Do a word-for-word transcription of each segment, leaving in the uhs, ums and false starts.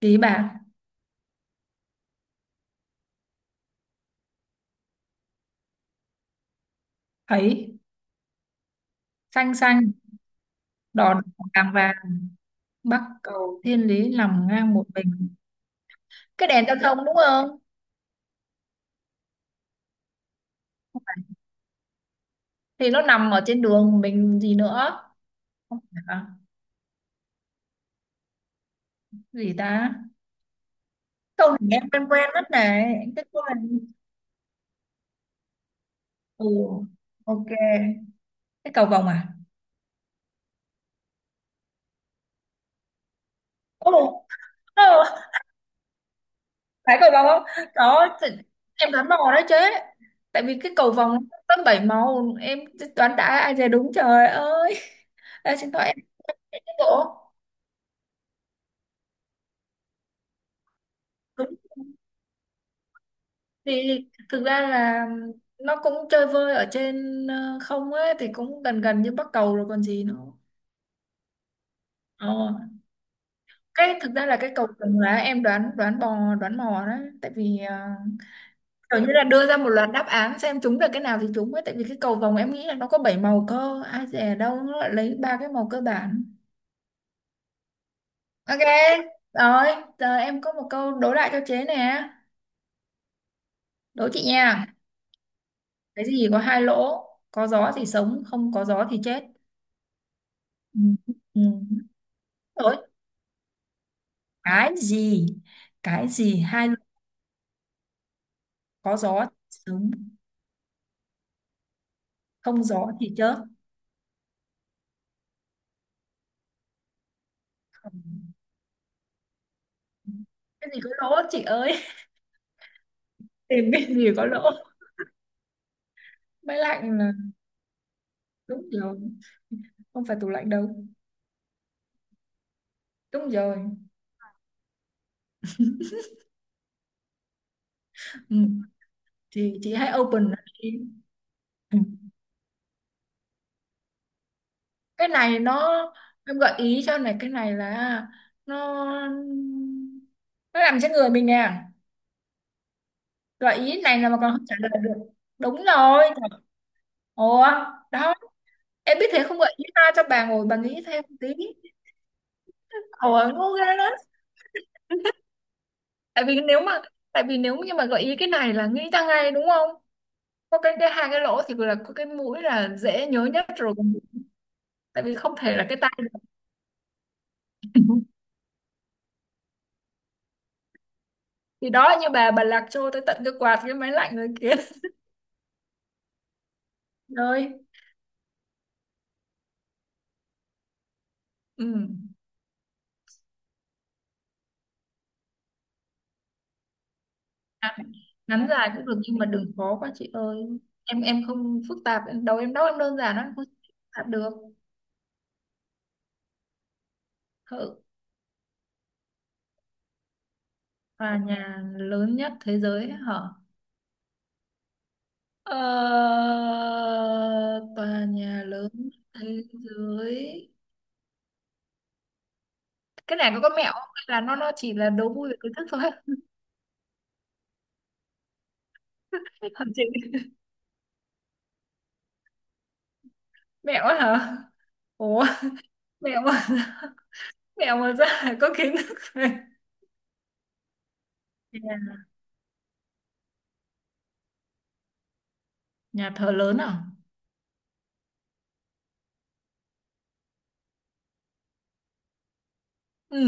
Ý bạn thấy xanh xanh đỏ đỏ vàng vàng bắc cầu thiên lý nằm ngang một mình. Cái đèn giao thông đúng không? Thì nó nằm ở trên đường mình gì nữa. Không phải à? Gì ta, câu này em quen quen mất này, em thích quá này. Ừ, ok, cái cầu vồng à? Ồ, ờ, phải cầu vồng không? Đó thì em đoán mò đấy chứ, tại vì cái cầu vồng nó có bảy màu em, đoán đã ai về đúng trời ơi. Ê, xin lỗi em, cái bộ thì thực ra là nó cũng chơi vơi ở trên, ờ, không ấy thì cũng gần gần như Bắc Cầu rồi còn gì nữa. Ờ. Cái thực ra là cái cầu Trồng Lá em đoán, đoán bò đoán mò đó, tại vì ờ, kiểu như là đưa ra một loạt đáp án xem trúng được cái nào thì trúng ấy, tại vì cái cầu vồng em nghĩ là nó có bảy màu cơ, ai dè đâu nó lại lấy ba cái màu cơ bản. Ok rồi, giờ em có một câu đố lại cho chế nè, đố chị nha. Cái gì có hai lỗ, có gió thì sống không có gió thì chết? Ừ. Ừ. Rồi, cái gì, cái gì hai lỗ, có gió thì sướng không gió thì chớp? Không. Cái gì có lỗ chị ơi? Tìm cái gì có lỗ, máy lạnh là đúng rồi, không phải tủ lạnh đâu, đúng rồi. Ừ. Thì chị hãy open nó đi. Ừ. cái này nó Em gợi ý cho này, cái này là nó nó nằm trên người mình nè, gợi ý này là mà còn không trả lời được. Đúng rồi. Ủa, đó. Em biết thế không vậy? Nghĩ ra cho bà ngồi bà nghĩ thêm một tí. Ủa ngu ghê đó. Tại vì nếu mà Tại vì nếu như mà gợi ý cái này là nghĩ ra ngay đúng không? Có cái, cái hai cái lỗ thì là có cái mũi là dễ nhớ nhất rồi. Tại vì không thể là cái tay được. Thì đó, như bà bà lạc trôi tới tận cái quạt cái máy lạnh rồi kia. Rồi. Ừ. Ngắn, ngắn dài cũng được nhưng mà đừng khó quá chị ơi. Em em không phức tạp, em đầu em đâu em đơn giản lắm, không phức tạp được. Thợ và nhà lớn nhất thế giới hả? Ờ, tòa nhà lớn nhất thế giới, cái này có có mẹo không hay là nó nó chỉ là đố vui về kiến thức thôi? Hả chị? Mẹo á hả? Ủa, mẹo mà, mẹo mà ra là có kiến thức rồi. Nhà, nhà thờ lớn à? Ừ,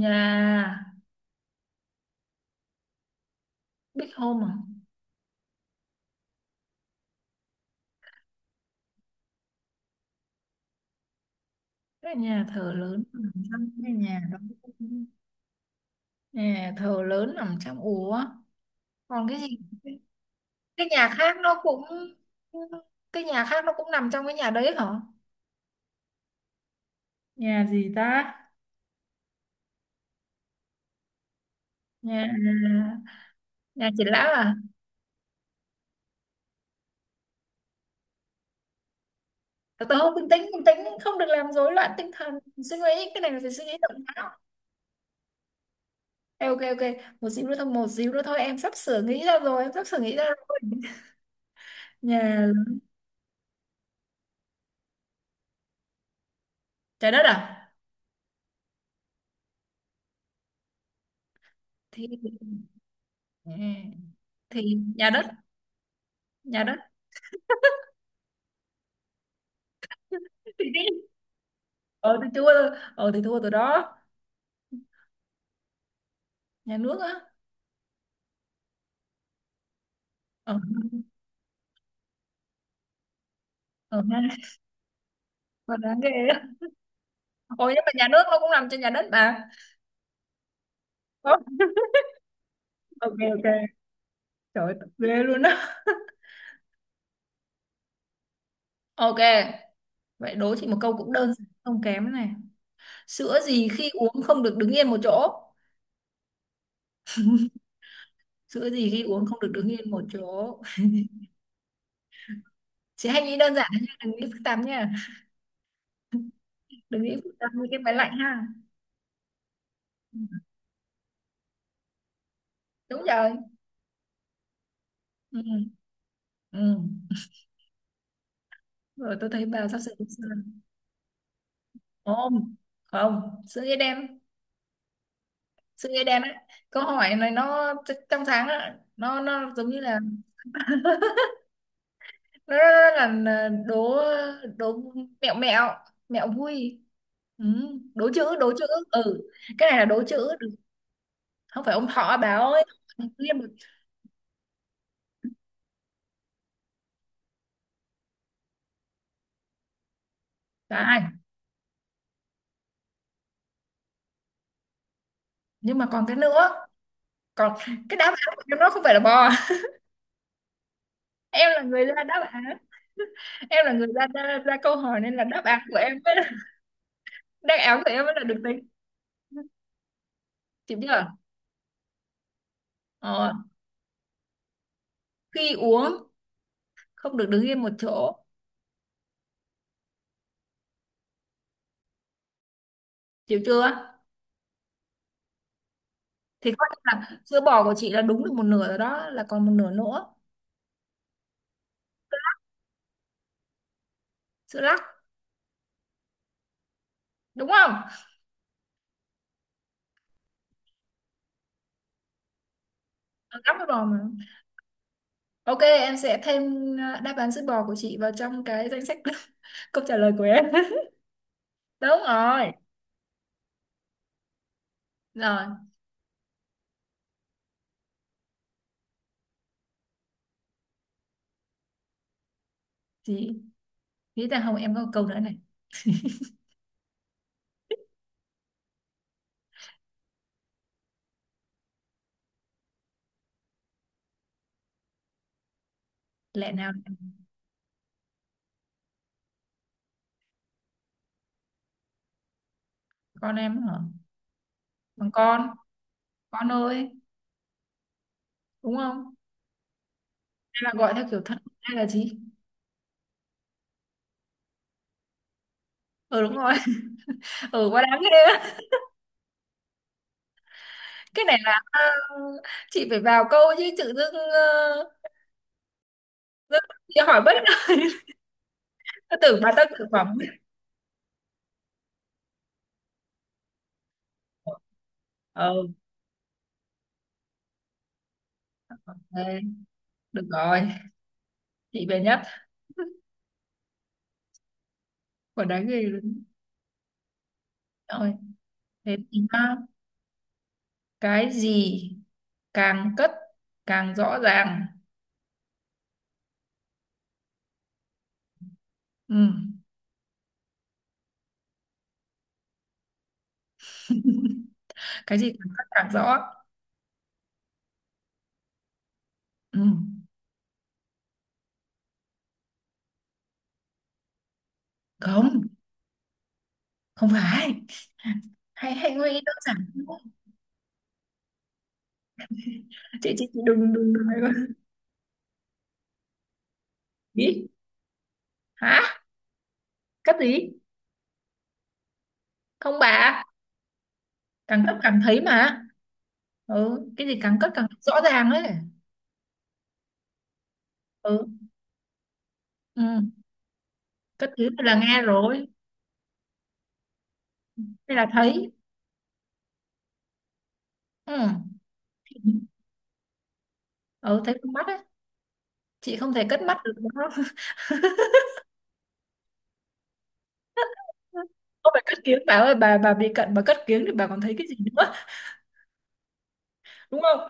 nhà, Big Home à? Cái nhà thờ lớn nằm trong cái nhà đó, nhà thờ lớn nằm trong, ủa còn cái gì, cái nhà khác nó cũng cái nhà khác nó cũng nằm trong cái nhà đấy hả? Nhà gì ta? Nhà, nhà triển lãm à? Tớ không bình tĩnh, bình tĩnh, không được làm rối loạn tinh thần. Suy nghĩ, cái này là phải suy nghĩ động não. Ê, ok, ok, một xíu nữa thôi, một xíu nữa thôi, em sắp sửa nghĩ ra rồi, em sắp sửa nghĩ ra rồi. Nhà, trái đất à? Thì ừ, thì nhà đất, nhà đất. Ờ thì thua rồi, ờ thì thua rồi đó. Nhà nước á? Ờ, ờ ha, còn đáng ghê á. Ồ nhưng mà nhà nước nó cũng làm trên nhà đất mà. Ờ, ok, ok, trời ơi, tập ghê luôn á. Ok, vậy đố chị một câu cũng đơn giản, không kém này. Sữa gì khi uống không được đứng yên một chỗ? Sữa gì khi uống không được đứng yên một chỗ? Chị hãy nghĩ đơn giản thôi nha, đừng nghĩ phức tạp nha. Đừng nghĩ phức tạp như cái máy lạnh ha. Đúng rồi. Ừ. Ừ. Rồi tôi thấy bà sắp sửa đúng rồi. Không, không, sữa ê đen, sữa ê đen á. Câu hỏi này nó trong sáng á, nó nó giống như là nó, nó là là đố, đố mẹo, mẹo mẹo vui. Ừ. Đố chữ, đố chữ. Ừ, cái này là đố chữ được. Không phải ông thọ bà ơi, liêm được phải, nhưng mà còn cái nữa, còn cái đáp án của em nó không phải là bò. Em là người ra đáp án, em là người ra ra, ra câu hỏi nên là đáp án của em mới là- đáp án của em mới là được tính. Chịu chưa? Ờ. Khi uống không được đứng yên một chỗ. Chịu chưa? Thì coi như là sữa bò của chị là đúng được một nửa rồi đó, là còn một nửa nữa. Sữa lắc, đúng không? Ờ, lắc với bò mà. Ok em sẽ thêm, ờ, đáp án sữa bò của chị vào trong cái danh sách câu trả lời của em. Đúng rồi. Rồi chị nghĩ rằng không, em có một câu nữa này. Lẽ nào em- con em hả? Bằng con con ơi, đúng không, hay là gọi theo kiểu thân hay là gì? Ừ đúng rồi. Ừ quá đáng ghê á. Cái này là ờ, chị phải vào câu chứ tự dưng ờ, dưng chị hỏi bất tưởng bà ta thực phẩm. Ừ, ok, được rồi. Chị về nhất, còn đáng ghê luôn. Rồi. Thế thì nhá, cái gì càng cất càng rõ ràng? Ừ. Cái gì càng cất càng rõ? Ừ. Không, không phải, hãy hãy nghĩ đơn giản thôi. chị chị, chị đừng, đừng đừng đừng. Ý hả, cất gì? Không bà, càng cất càng thấy mà. Ừ, cái gì càng cất càng rõ ràng ấy. Ừ, ừ. Cất thứ là nghe rồi, hay là thấy? Ừ. Ừ thấy con mắt ấy. Chị không thể cất mắt được đúng? Không phải cất kiếng bà ơi, bà bà bị cận bà cất kiếng thì bà còn thấy cái gì nữa, đúng không?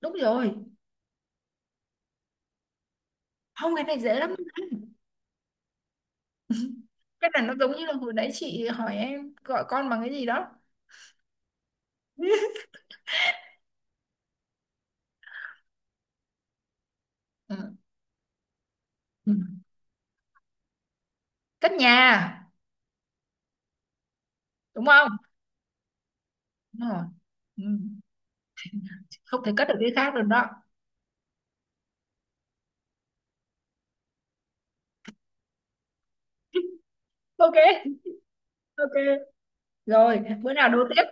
Đúng rồi. Không cái này dễ lắm. Cái này nó giống như là hồi nãy chị hỏi em gọi con bằng cái gì đó. Ừ. Ừ. Cất nhà đúng không? Đúng rồi. Ừ. Không thể cất được cái khác được đó. Ok, ok, rồi bữa nào đố tiếp.